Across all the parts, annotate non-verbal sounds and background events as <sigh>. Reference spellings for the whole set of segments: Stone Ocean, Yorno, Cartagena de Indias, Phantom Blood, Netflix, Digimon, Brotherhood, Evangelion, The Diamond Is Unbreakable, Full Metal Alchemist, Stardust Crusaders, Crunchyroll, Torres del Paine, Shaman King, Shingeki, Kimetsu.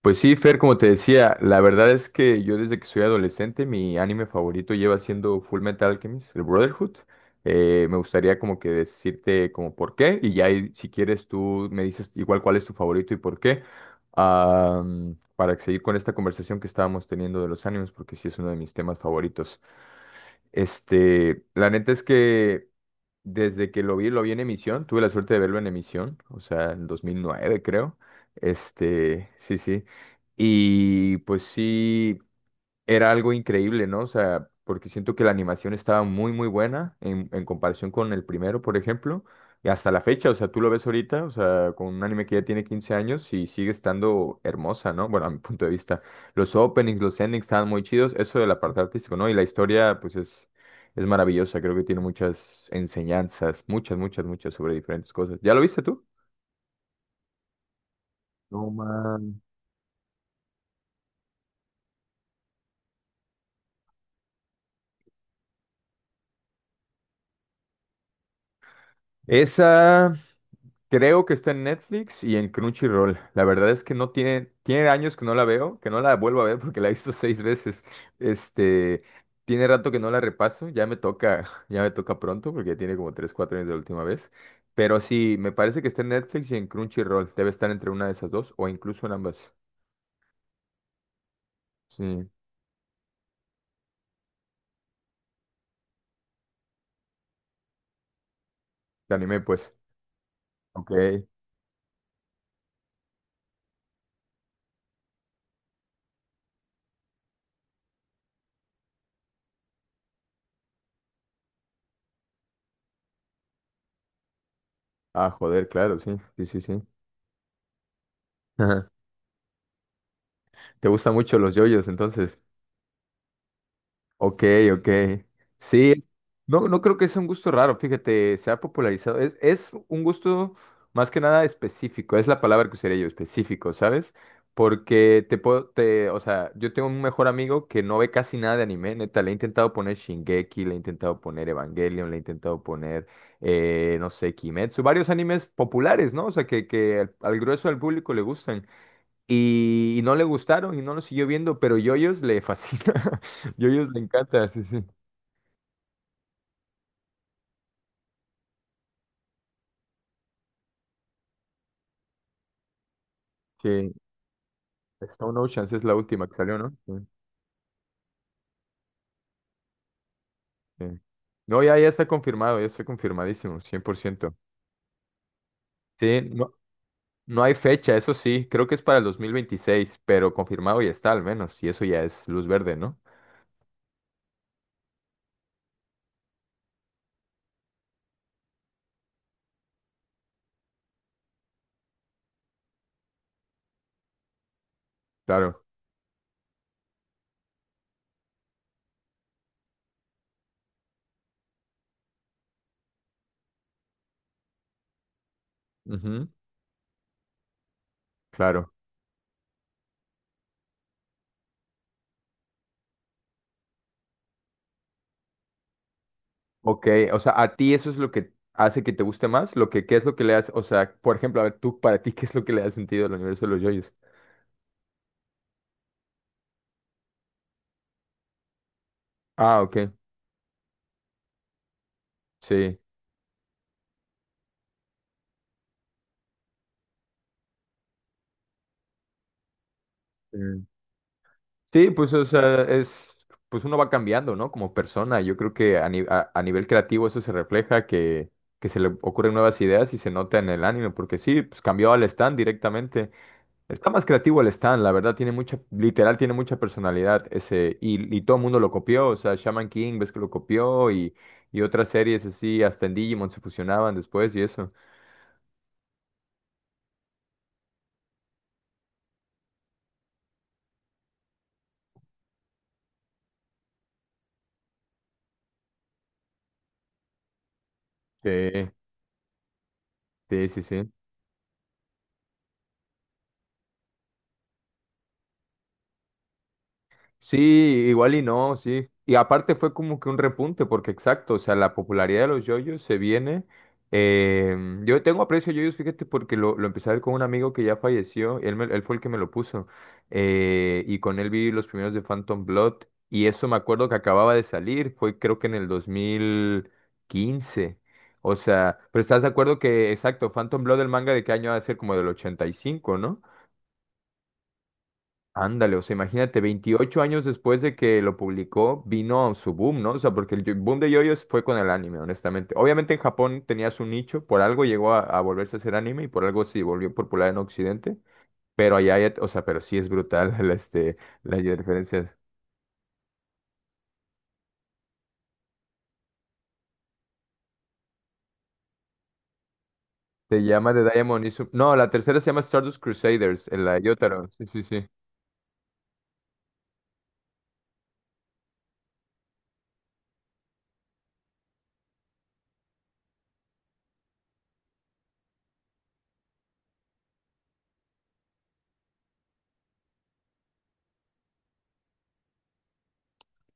Pues sí, Fer, como te decía, la verdad es que yo desde que soy adolescente mi anime favorito lleva siendo Full Metal Alchemist, el Brotherhood. Me gustaría como que decirte como por qué y ya ahí, si quieres tú me dices igual cuál es tu favorito y por qué. Para seguir con esta conversación que estábamos teniendo de los animes porque sí es uno de mis temas favoritos. La neta es que desde que lo vi en emisión, tuve la suerte de verlo en emisión, o sea, en 2009 creo. Este, sí, sí. Y pues sí, era algo increíble, ¿no? O sea, porque siento que la animación estaba muy buena en comparación con el primero, por ejemplo, y hasta la fecha, o sea, tú lo ves ahorita, o sea, con un anime que ya tiene 15 años y sigue estando hermosa, ¿no? Bueno, a mi <laughs> punto de vista, los openings, los endings estaban muy chidos, eso del apartado artístico, ¿no? Y la historia, pues es maravillosa, creo que tiene muchas enseñanzas, muchas sobre diferentes cosas. ¿Ya lo viste tú? No, man. Esa, creo que está en Netflix y en Crunchyroll. La verdad es que no tiene, tiene años que no la veo, que no la vuelvo a ver porque la he visto <laughs> 6 veces. Este, Tiene rato que no la repaso, ya me toca, <laughs> ya me toca pronto porque ya tiene como tres, cuatro años de la última vez. Pero sí, me parece que está en Netflix y en Crunchyroll. Debe estar entre una de esas dos o incluso en ambas. Sí, te animé pues. Ok. Ah, joder, claro, sí, sí, sí, sí. Ajá. ¿Te gustan mucho los yoyos entonces? Ok, ok. Sí, no, no creo que sea un gusto raro, fíjate, se ha popularizado. Es un gusto más que nada específico, es la palabra que usaría yo, específico, ¿sabes? Porque te puedo, te, o sea, yo tengo un mejor amigo que no ve casi nada de anime, neta, le he intentado poner Shingeki, le he intentado poner Evangelion, le he intentado poner, no sé, Kimetsu, varios animes populares, ¿no? O sea, que al grueso del público le gustan. Y no le gustaron y no lo siguió viendo, pero Yoyos le fascina. <laughs> Yoyos le encanta, sí, sí. Que Stone Oceans es la última que salió, ¿no? Sí, sí. No, ya, ya está confirmado, ya está confirmadísimo, 100%. Sí, no, no hay fecha, eso sí, creo que es para el 2026 pero confirmado ya está al menos, y eso ya es luz verde, ¿no? Claro, ujú, claro. Ok, o sea, a ti eso es lo que hace que te guste más, lo que, ¿qué es lo que le hace? O sea, por ejemplo, a ver, tú, para ti, ¿qué es lo que le ha sentido al universo de los yoyos? Ah, ok. Sí. Sí, sí, pues o sea, es, pues uno va cambiando, ¿no? Como persona. Yo creo que a, a nivel creativo eso se refleja, que se le ocurren nuevas ideas y se nota en el ánimo, porque sí, pues cambió al Stan directamente. Está más creativo el Stan, la verdad, tiene mucha, literal, tiene mucha personalidad ese, y todo el mundo lo copió, o sea, Shaman King, ves que lo copió, y otras series así, hasta en Digimon se fusionaban después y eso. Sí, sí, sí, sí. Sí, igual y no, sí. Y aparte fue como que un repunte, porque exacto, o sea, la popularidad de los yoyos se viene. Yo tengo aprecio a yoyos, fíjate, porque lo empecé a ver con un amigo que ya falleció, él, él fue el que me lo puso. Y con él vi los primeros de Phantom Blood, y eso me acuerdo que acababa de salir, fue creo que en el 2015. O sea, pero estás de acuerdo que, exacto, Phantom Blood, el manga de qué año va a ser como del 85. Ándale, o sea, imagínate, 28 años después de que lo publicó, vino su boom, ¿no? O sea, porque el boom de yoyos fue con el anime, honestamente. Obviamente en Japón tenía su nicho, por algo llegó a volverse a hacer anime y por algo se volvió popular en Occidente, pero allá, o sea, pero sí es brutal <laughs> la, este, la diferencia. Se llama The Diamond Is... No, la tercera se llama Stardust Crusaders, en la de Yotaro. Sí, sí, sí.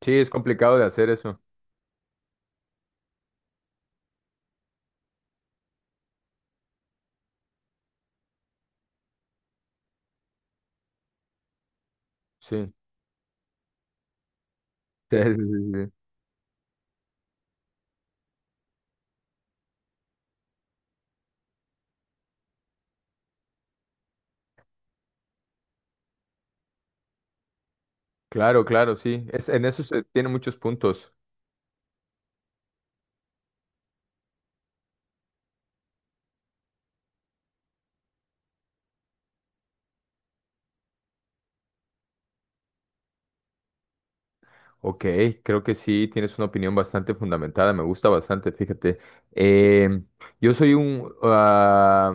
Sí, es complicado de hacer eso. Sí. <laughs> Sí, sí, sí, sí. Claro, claro, sí. Es, en eso se tiene muchos puntos. Ok, creo que sí, tienes una opinión bastante fundamentada, me gusta bastante, fíjate. Em, yo soy un... ah,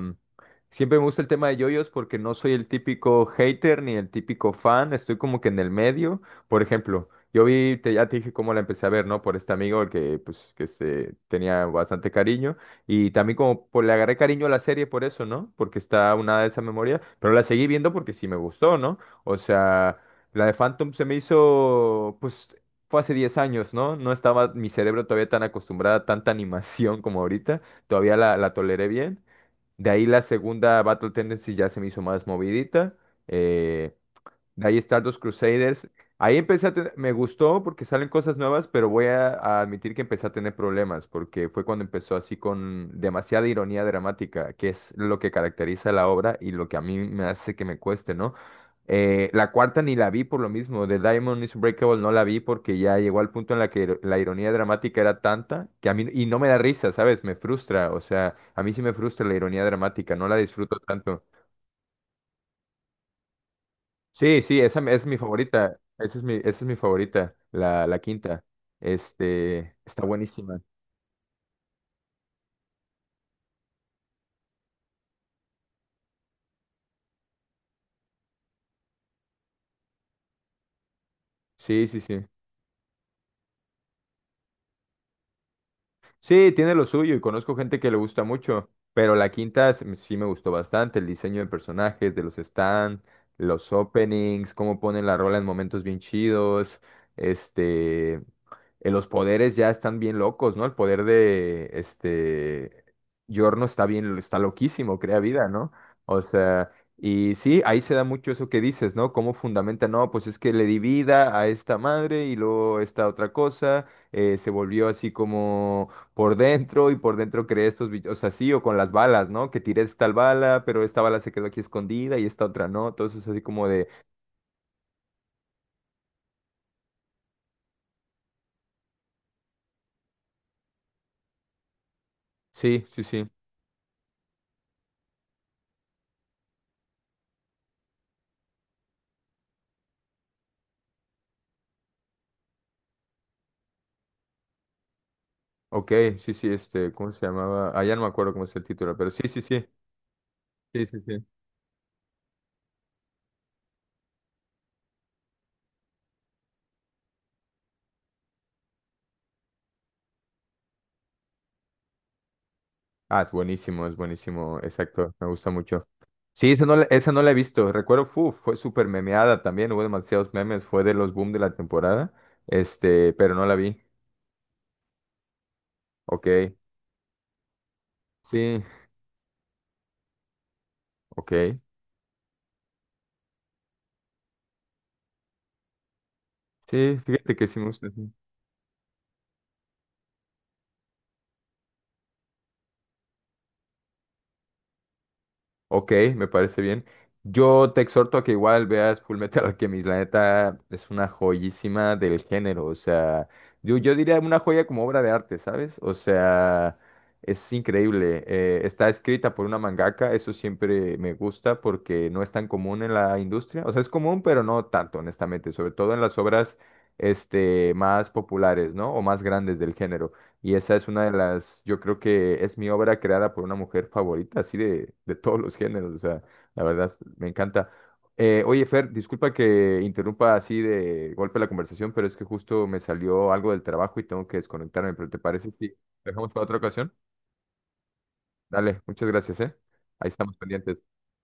siempre me gusta el tema de yoyos porque no soy el típico hater ni el típico fan, estoy como que en el medio. Por ejemplo, yo vi, te, ya te dije cómo la empecé a ver, ¿no? Por este amigo el que, pues, que se tenía bastante cariño y también como por, le agarré cariño a la serie por eso, ¿no? Porque está una de esa memoria, pero la seguí viendo porque sí me gustó, ¿no? O sea... La de Phantom se me hizo, pues fue hace 10 años, ¿no? No estaba mi cerebro todavía tan acostumbrada a tanta animación como ahorita. Todavía la toleré bien. De ahí la segunda Battle Tendency ya se me hizo más movidita. eh, de ahí Stardust Crusaders. Ahí empecé a tener, me gustó porque salen cosas nuevas, pero voy a admitir que empecé a tener problemas, porque fue cuando empezó así con demasiada ironía dramática, que es lo que caracteriza la obra y lo que a mí me hace que me cueste, ¿no? La cuarta ni la vi por lo mismo, The Diamond is Unbreakable no la vi porque ya llegó al punto en la que la ironía dramática era tanta que a mí, y no me da risa, ¿sabes? Me frustra, o sea, a mí sí me frustra la ironía dramática, no la disfruto tanto. Sí, sí, esa es mi favorita. Esa es mi favorita, la quinta. Este, está buenísima. Sí, sí, sí. Sí, tiene lo suyo y conozco gente que le gusta mucho, pero la quinta sí me gustó bastante, el diseño de personajes, de los stands, los openings, cómo ponen la rola en momentos bien chidos, este, los poderes ya están bien locos, ¿no? El poder de, este, Yorno está bien, está loquísimo, crea vida, ¿no? O sea, y sí, ahí se da mucho eso que dices, ¿no? Cómo fundamenta, no, pues es que le di vida a esta madre y luego esta otra cosa, se volvió así como por dentro y por dentro creé estos bichos, o sea, sí, o con las balas, ¿no? Que tiré tal bala, pero esta bala se quedó aquí escondida y esta otra no, todo entonces así como de, sí, sí, sí, ok, sí, sí, este, ¿cómo se llamaba? Ah, ya no me acuerdo cómo es el título, pero sí, sí, sí, sí, sí, sí. Ah, es buenísimo, exacto, me gusta mucho. Sí, esa no, esa no la he visto, recuerdo, fue súper memeada también, hubo demasiados memes, fue de los boom de la temporada, este, pero no la vi, ok, sí, ok, sí, fíjate que sí me gusta. Sí. Ok, me parece bien. Yo te exhorto a que igual veas Full Metal <laughs> Alchemist, la neta es una joyísima del género, o sea, yo diría una joya como obra de arte, ¿sabes? O sea, es increíble. Está escrita por una mangaka, eso siempre me gusta porque no es tan común en la industria, o sea, es común, pero no tanto, honestamente, sobre todo en las obras este, más populares, ¿no? O más grandes del género. Y esa es una de las, yo creo que es mi obra creada por una mujer favorita, así de todos los géneros, o sea, la verdad, me encanta. Oye, Fer, disculpa que interrumpa así de golpe la conversación, pero es que justo me salió algo del trabajo y tengo que desconectarme, pero ¿te parece si lo dejamos para otra ocasión? Dale, muchas gracias, ¿eh? Ahí estamos pendientes.